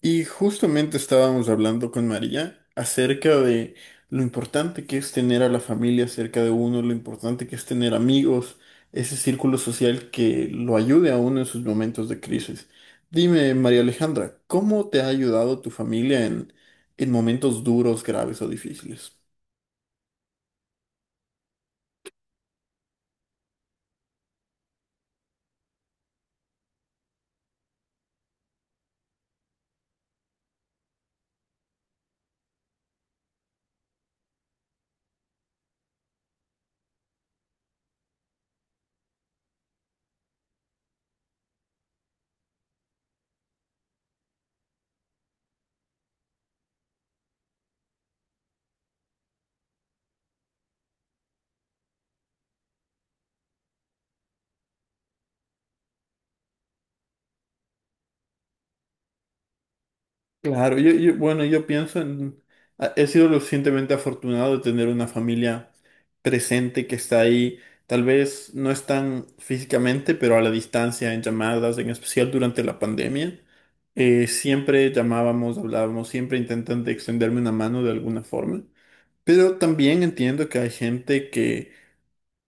Y justamente estábamos hablando con María acerca de lo importante que es tener a la familia cerca de uno, lo importante que es tener amigos, ese círculo social que lo ayude a uno en sus momentos de crisis. Dime, María Alejandra, ¿cómo te ha ayudado tu familia en momentos duros, graves o difíciles? Claro, yo pienso en... He sido lo suficientemente afortunado de tener una familia presente que está ahí. Tal vez no están físicamente, pero a la distancia, en llamadas, en especial durante la pandemia. Siempre llamábamos, hablábamos, siempre intentando extenderme una mano de alguna forma. Pero también entiendo que hay gente que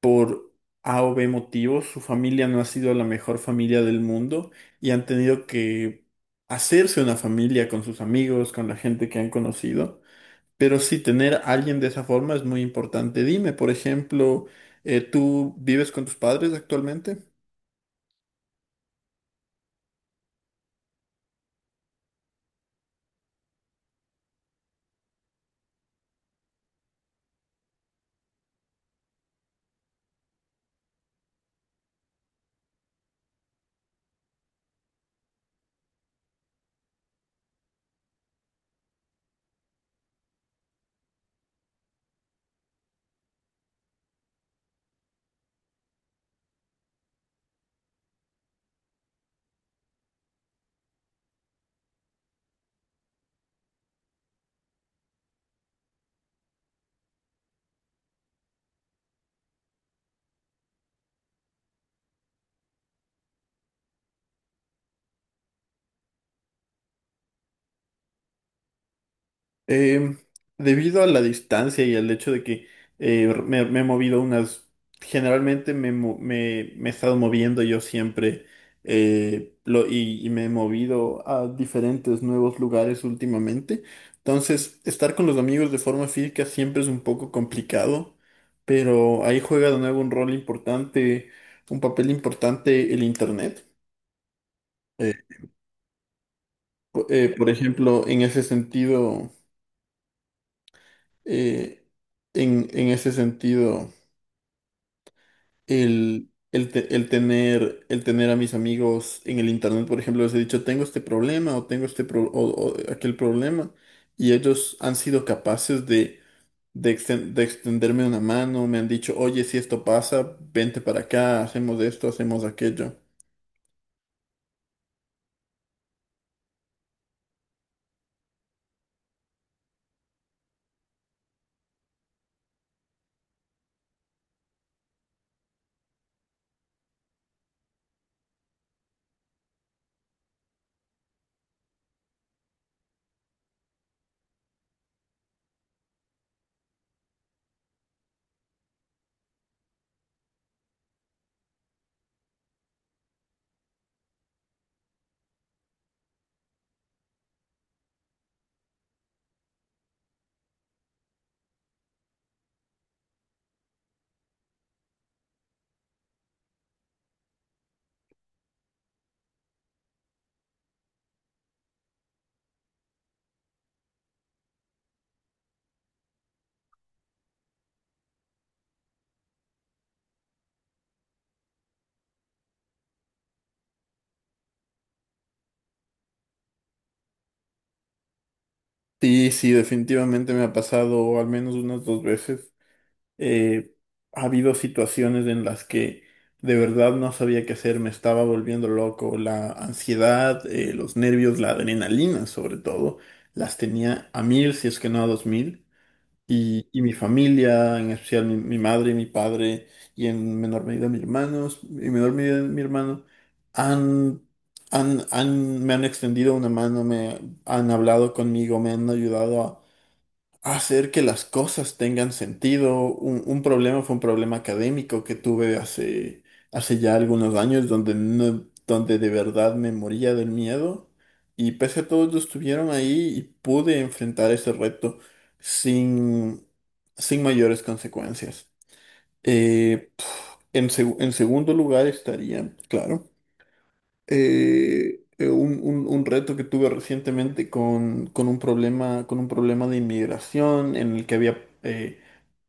por A o B motivos, su familia no ha sido la mejor familia del mundo y han tenido que hacerse una familia con sus amigos, con la gente que han conocido. Pero sí, tener a alguien de esa forma es muy importante. Dime, por ejemplo, ¿tú vives con tus padres actualmente? Eh, Debido a la distancia y al hecho de que me he movido unas, generalmente me, mo- me- me he estado moviendo yo siempre y me he movido a diferentes nuevos lugares últimamente. Entonces, estar con los amigos de forma física siempre es un poco complicado, pero ahí juega de nuevo un papel importante el internet. Eh, por ejemplo, en ese sentido... eh, en ese sentido, el tener a mis amigos en el internet, por ejemplo, les he dicho, tengo este problema o o aquel problema, y ellos han sido capaces de extenderme una mano, me han dicho, oye, si esto pasa, vente para acá, hacemos esto, hacemos aquello. Sí, sí, definitivamente me ha pasado al menos unas dos veces. eh, Ha habido situaciones en las que de verdad no sabía qué hacer, me estaba volviendo loco, la ansiedad, los nervios, la adrenalina sobre todo, las tenía a mil, si es que no a dos mil, y mi familia, en especial mi madre, mi padre, y en menor medida mis hermanos, en menor medida mi hermano, han... me han extendido una mano, me han hablado conmigo, me han ayudado hacer que las cosas tengan sentido. Un problema fue un problema académico que tuve hace ya algunos años donde, donde de verdad me moría del miedo y pese a todo ellos estuvieron ahí y pude enfrentar ese reto sin, sin mayores consecuencias. Eh, en segundo lugar estaría, claro, un reto que tuve recientemente con un problema de inmigración en el que había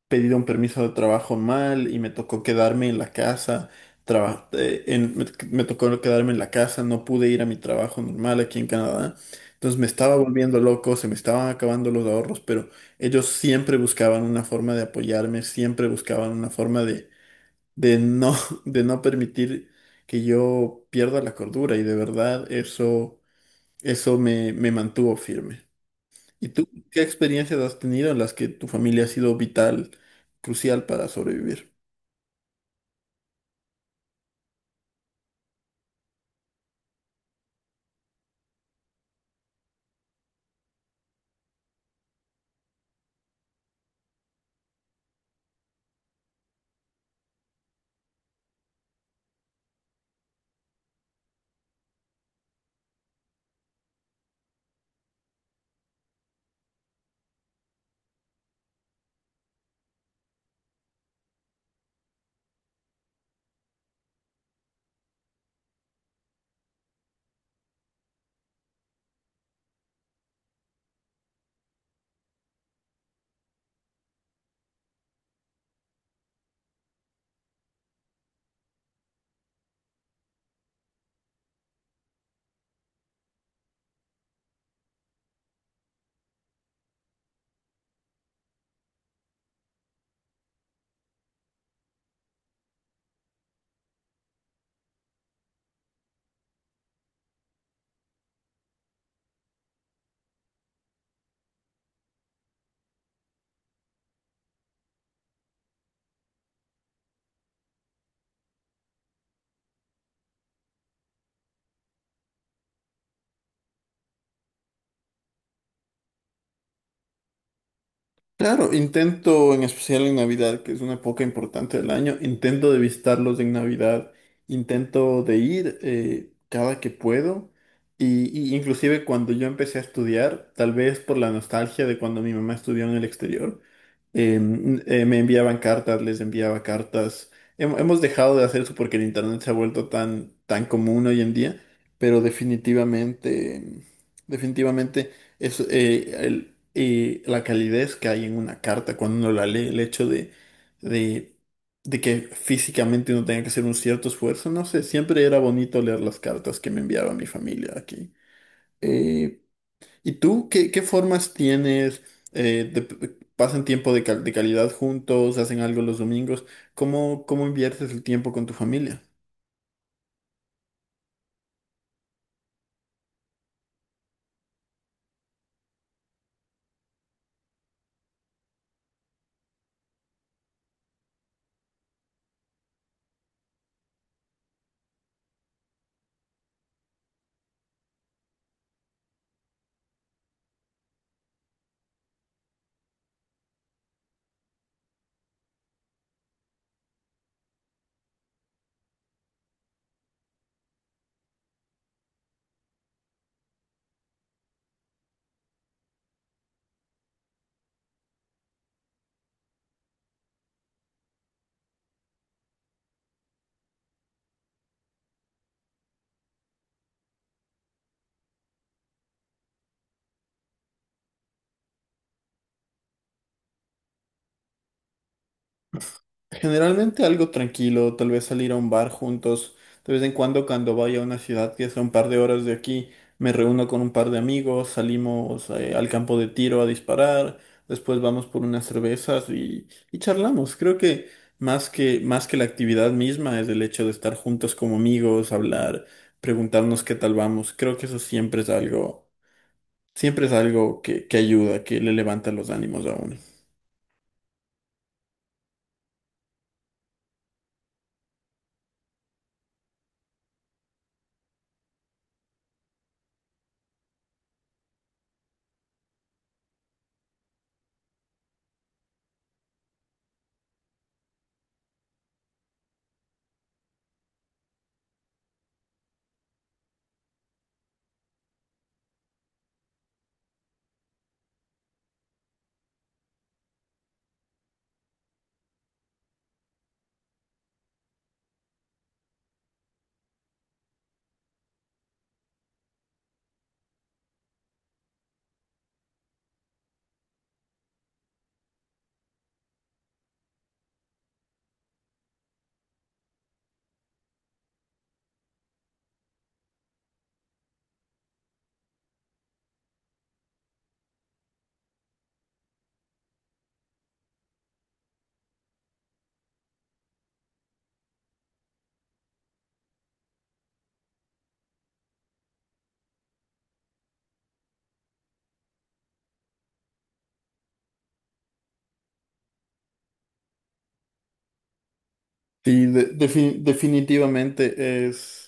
pedido un permiso de trabajo mal y me tocó quedarme en la casa. traba- eh, en- me, Me tocó quedarme en la casa, no pude ir a mi trabajo normal aquí en Canadá. Entonces me estaba volviendo loco, se me estaban acabando los ahorros, pero ellos siempre buscaban una forma de apoyarme, siempre buscaban una forma de no, de no permitir que yo pierda la cordura y de verdad eso, eso me, me mantuvo firme. ¿Y tú qué experiencias has tenido en las que tu familia ha sido vital, crucial para sobrevivir? Claro, intento, en especial en Navidad, que es una época importante del año, intento de visitarlos en Navidad, intento de ir cada que puedo, y inclusive cuando yo empecé a estudiar, tal vez por la nostalgia de cuando mi mamá estudió en el exterior, me enviaban cartas, les enviaba cartas. Hemos dejado de hacer eso porque el internet se ha vuelto tan, tan común hoy en día, pero definitivamente, definitivamente es, la calidez que hay en una carta cuando uno la lee, el hecho de, de que físicamente uno tenga que hacer un cierto esfuerzo, no sé, siempre era bonito leer las cartas que me enviaba mi familia aquí. Eh, ¿Y tú qué, qué formas tienes? Eh, de- ¿Pasan tiempo de calidad juntos? ¿Hacen algo los domingos? ¿Cómo, cómo inviertes el tiempo con tu familia? Generalmente algo tranquilo, tal vez salir a un bar juntos. De vez en cuando, cuando vaya a una ciudad que sea un par de horas de aquí, me reúno con un par de amigos, salimos al campo de tiro a disparar, después vamos por unas cervezas y charlamos. Creo que más que la actividad misma es el hecho de estar juntos como amigos, hablar, preguntarnos qué tal vamos. Creo que eso siempre es algo que ayuda, que le levanta los ánimos a uno. Sí, definitivamente es.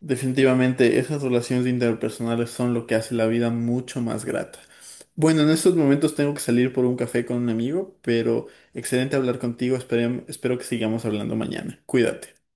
Definitivamente, esas relaciones interpersonales son lo que hace la vida mucho más grata. Bueno, en estos momentos tengo que salir por un café con un amigo, pero excelente hablar contigo. Espero que sigamos hablando mañana. Cuídate.